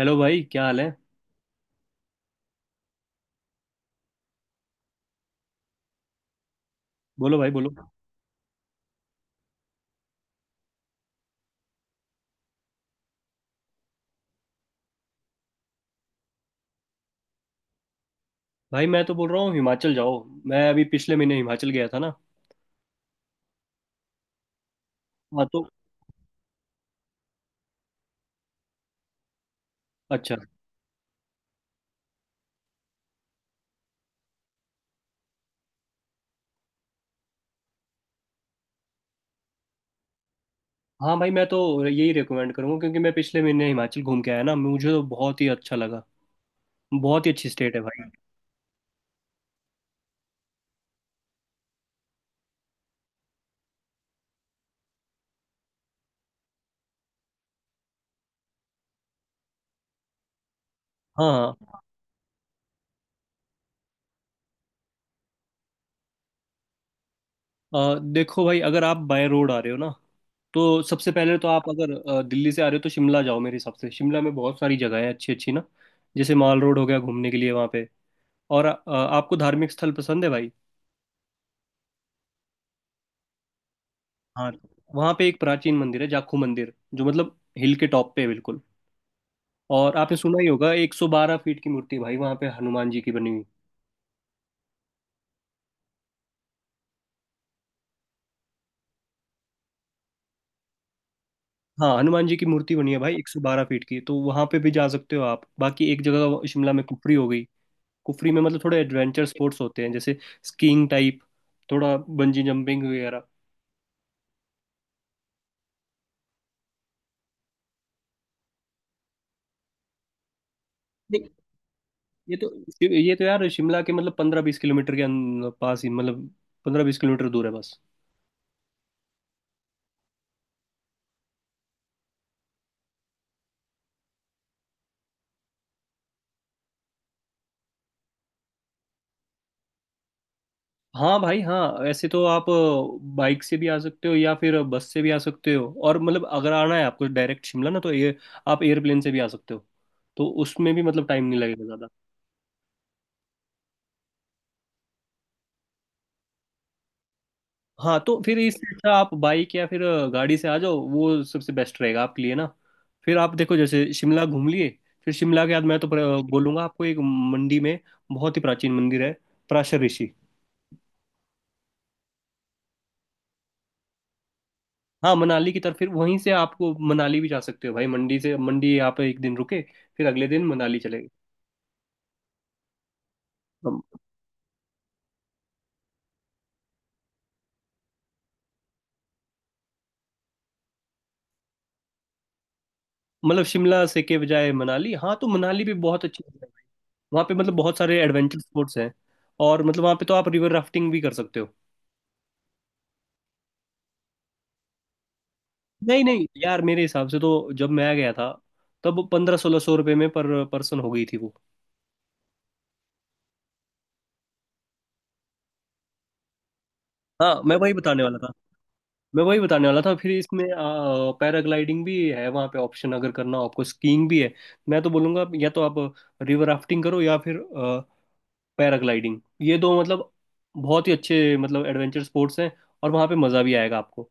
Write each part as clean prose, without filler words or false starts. Hello भाई, क्या हाल है? बोलो भाई, बोलो। भाई, मैं तो बोल रहा हूँ, हिमाचल जाओ। मैं अभी पिछले महीने हिमाचल गया था ना। हाँ तो। अच्छा। हाँ भाई, मैं तो यही रिकमेंड करूँगा क्योंकि मैं पिछले महीने हिमाचल घूम के आया ना, मुझे तो बहुत ही अच्छा लगा। बहुत ही अच्छी स्टेट है भाई। हाँ हाँ। देखो भाई, अगर आप बाय रोड आ रहे हो ना तो सबसे पहले तो आप अगर दिल्ली से आ रहे हो तो शिमला जाओ। मेरे हिसाब से शिमला में बहुत सारी जगह है, अच्छी अच्छी ना। जैसे माल रोड हो गया घूमने के लिए वहाँ पे। और आपको धार्मिक स्थल पसंद है भाई? हाँ। वहाँ पे एक प्राचीन मंदिर है, जाखू मंदिर, जो मतलब हिल के टॉप पे है बिल्कुल। और आपने सुना ही होगा, 112 फीट की मूर्ति है भाई वहाँ पे हनुमान जी की बनी हुई। हाँ, हनुमान जी की मूर्ति बनी है भाई 112 फीट की, तो वहाँ पे भी जा सकते हो आप। बाकी एक जगह शिमला में कुफरी हो गई। कुफरी में मतलब थोड़े एडवेंचर स्पोर्ट्स होते हैं, जैसे स्कीइंग टाइप, थोड़ा बंजी जंपिंग वगैरह। देख, ये तो ये तो यार, शिमला के मतलब 15-20 किलोमीटर के पास ही, मतलब 15-20 किलोमीटर दूर है बस। हाँ भाई हाँ, ऐसे तो आप बाइक से भी आ सकते हो या फिर बस से भी आ सकते हो। और मतलब अगर आना है आपको डायरेक्ट शिमला ना तो ये आप एयरप्लेन से भी आ सकते हो। तो उसमें भी मतलब टाइम नहीं लगेगा ज़्यादा। हाँ तो फिर इससे अच्छा आप बाइक या फिर गाड़ी से आ जाओ, वो सबसे बेस्ट रहेगा आपके लिए ना। फिर आप देखो, जैसे शिमला घूम लिए। फिर शिमला के बाद मैं तो बोलूँगा आपको एक, मंडी में बहुत ही प्राचीन मंदिर है, पराशर ऋषि। हाँ मनाली की तरफ, फिर वहीं से आपको मनाली भी जा सकते हो भाई, मंडी से। मंडी आप एक दिन रुके, फिर अगले दिन मनाली चले। हम- मतलब शिमला से के बजाय मनाली, हाँ तो मनाली भी बहुत अच्छी जगह है। वहाँ पे मतलब बहुत सारे एडवेंचर स्पोर्ट्स हैं। और मतलब वहाँ पे तो आप रिवर राफ्टिंग भी कर सकते हो। नहीं नहीं यार, मेरे हिसाब से तो जब मैं गया था तब 1500-1600 रुपये में पर पर्सन हो गई थी वो। हाँ, मैं वही बताने वाला था। मैं वही बताने वाला था, फिर इसमें पैराग्लाइडिंग भी है वहाँ पे ऑप्शन, अगर करना हो आपको, स्कीइंग भी है। मैं तो बोलूँगा या तो आप रिवर राफ्टिंग करो या फिर पैराग्लाइडिंग, ये दो मतलब बहुत ही अच्छे मतलब एडवेंचर स्पोर्ट्स हैं। और वहाँ पे मज़ा भी आएगा आपको।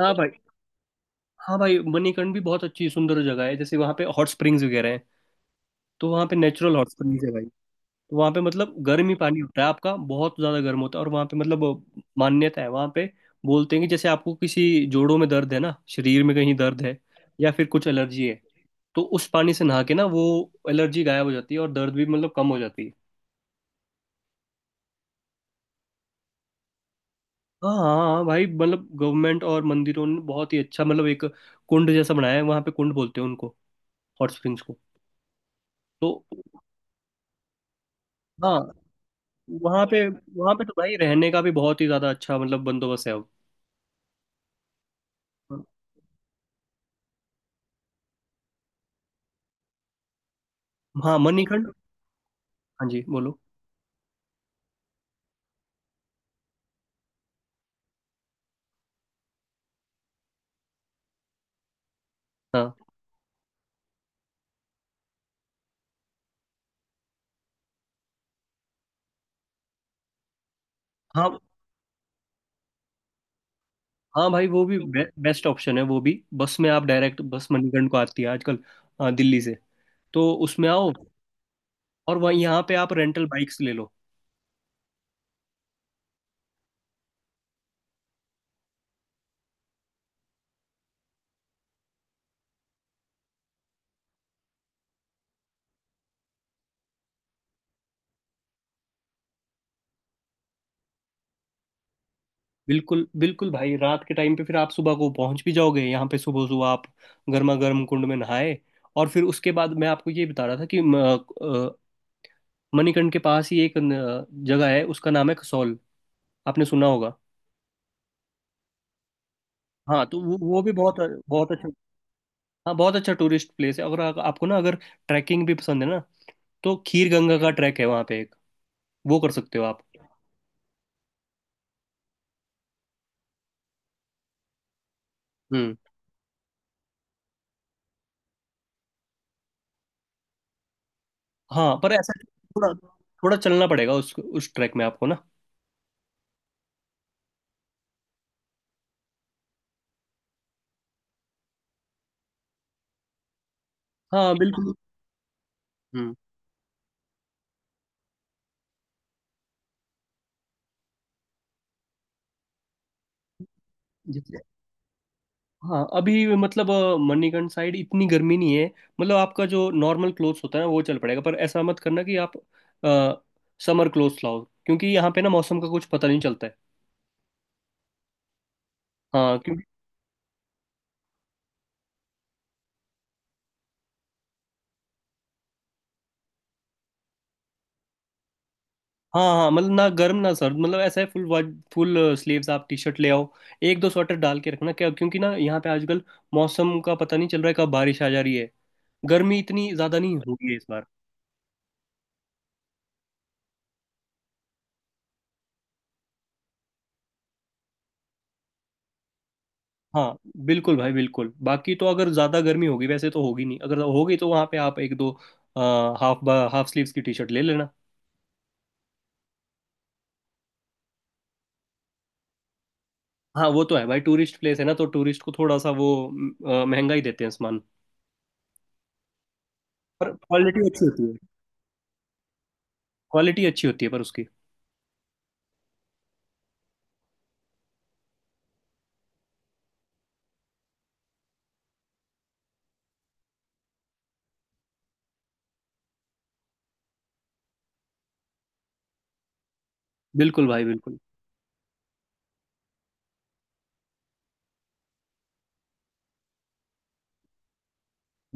हाँ भाई हाँ भाई, मणिकर्ण भी बहुत अच्छी सुंदर जगह है, जैसे वहाँ पे हॉट स्प्रिंग्स वगैरह हैं। तो वहाँ पे नेचुरल हॉट स्प्रिंग्स है भाई। तो वहाँ पे मतलब गर्म ही पानी होता है आपका, बहुत ज़्यादा गर्म होता है। और वहाँ पे मतलब मान्यता है, वहाँ पे बोलते हैं कि जैसे आपको किसी जोड़ों में दर्द है ना, शरीर में कहीं दर्द है या फिर कुछ एलर्जी है, तो उस पानी से नहा के ना वो एलर्जी गायब हो जाती है और दर्द भी मतलब कम हो जाती है। हाँ हाँ भाई, मतलब गवर्नमेंट और मंदिरों ने बहुत ही अच्छा मतलब एक कुंड जैसा बनाया है वहाँ पे, कुंड बोलते हैं उनको, हॉट स्प्रिंग्स को। तो हाँ, वहाँ पे तो भाई रहने का भी बहुत ही ज़्यादा अच्छा मतलब बंदोबस्त है अब। हाँ मणिखंड। हाँ जी, बोलो। हाँ हाँ। हाँ भाई, वो भी बेस्ट ऑप्शन है, वो भी बस में आप डायरेक्ट। बस मणिकर्ण को आती है आजकल, दिल्ली से। तो उसमें आओ। और वहीं यहाँ पे आप रेंटल बाइक्स ले लो। बिल्कुल बिल्कुल भाई, रात के टाइम पे फिर आप सुबह को पहुंच भी जाओगे। यहाँ पे सुबह सुबह आप गर्मा गर्म कुंड में नहाए, और फिर उसके बाद मैं आपको ये बता रहा था कि अ, मणिकर्ण के पास ही एक जगह है, उसका नाम है कसौल। आपने सुना होगा। हाँ, तो वो भी बहुत, बहुत अच्छा। हाँ, बहुत अच्छा टूरिस्ट प्लेस है। अगर आपको ना, अगर ट्रैकिंग भी पसंद है ना तो खीर गंगा का ट्रैक है वहाँ पे एक, वो कर सकते हो आप। हम्म। हाँ, पर ऐसा थोड़ा, थोड़ा चलना पड़ेगा उस ट्रैक में आपको ना। हाँ बिल्कुल। हम्म। हाँ, अभी मतलब मणिकर्ण साइड इतनी गर्मी नहीं है। मतलब आपका जो नॉर्मल क्लोथ्स होता है ना, वो चल पड़ेगा। पर ऐसा मत करना कि आप समर क्लोथ्स लाओ, क्योंकि यहाँ पे ना मौसम का कुछ पता नहीं चलता है। हाँ क्योंकि। हाँ हाँ, मतलब ना गर्म ना सर्द, मतलब ऐसा है। फुल फुल स्लीव्स आप टी शर्ट ले आओ। एक दो स्वेटर डाल के रखना क्या, क्योंकि ना यहाँ पे आजकल मौसम का पता नहीं चल रहा है कब बारिश आ जा रही है। गर्मी इतनी ज़्यादा नहीं हो रही है इस बार। हाँ बिल्कुल भाई बिल्कुल, बाकी तो अगर ज़्यादा गर्मी होगी, वैसे तो होगी नहीं, अगर होगी तो वहाँ पे आप एक दो हाफ हाफ स्लीव्स की टी शर्ट ले लेना। हाँ वो तो है भाई, टूरिस्ट प्लेस है ना, तो टूरिस्ट को थोड़ा सा वो महंगा ही देते हैं सामान। पर क्वालिटी अच्छी होती है। क्वालिटी अच्छी होती है पर उसकी। बिल्कुल भाई बिल्कुल।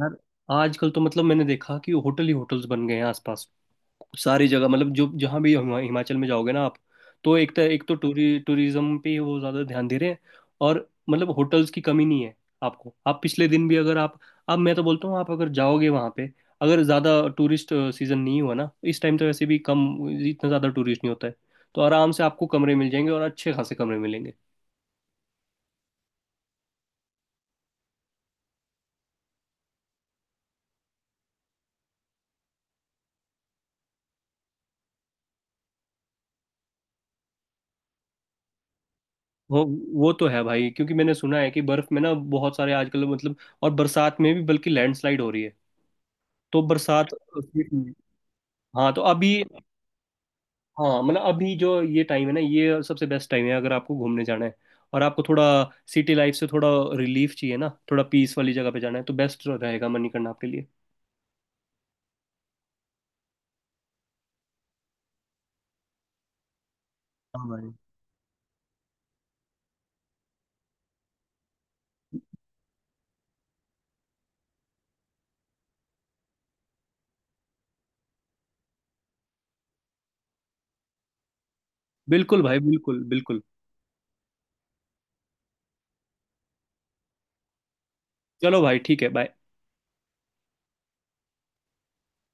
यार, आजकल तो मतलब मैंने देखा कि होटल ही होटल्स बन गए हैं आसपास। सारी जगह मतलब जो जहाँ भी हिमाचल में जाओगे ना आप, तो एक तो टूरी टूरिज्म पे वो ज़्यादा ध्यान दे रहे हैं। और मतलब होटल्स की कमी नहीं है। आपको, आप पिछले दिन भी अगर आप। अब मैं तो बोलता हूँ, आप अगर जाओगे वहाँ पे, अगर ज़्यादा टूरिस्ट सीज़न नहीं हुआ ना इस टाइम, तो वैसे भी कम, इतना ज़्यादा टूरिस्ट नहीं होता है। तो आराम से आपको कमरे मिल जाएंगे और अच्छे खासे कमरे मिलेंगे। वो वो तो है भाई, क्योंकि मैंने सुना है कि बर्फ़ में ना बहुत सारे आजकल मतलब, और बरसात में भी बल्कि लैंडस्लाइड हो रही है। तो बरसात। हाँ तो अभी। हाँ मतलब अभी जो ये टाइम है ना, ये सबसे बेस्ट टाइम है अगर आपको घूमने जाना है। और आपको थोड़ा, सिटी लाइफ से थोड़ा रिलीफ चाहिए ना, थोड़ा पीस वाली जगह पे जाना है, तो बेस्ट रहेगा मनी करना आपके लिए। हाँ भाई। बिल्कुल भाई बिल्कुल बिल्कुल। चलो भाई, ठीक है, बाय।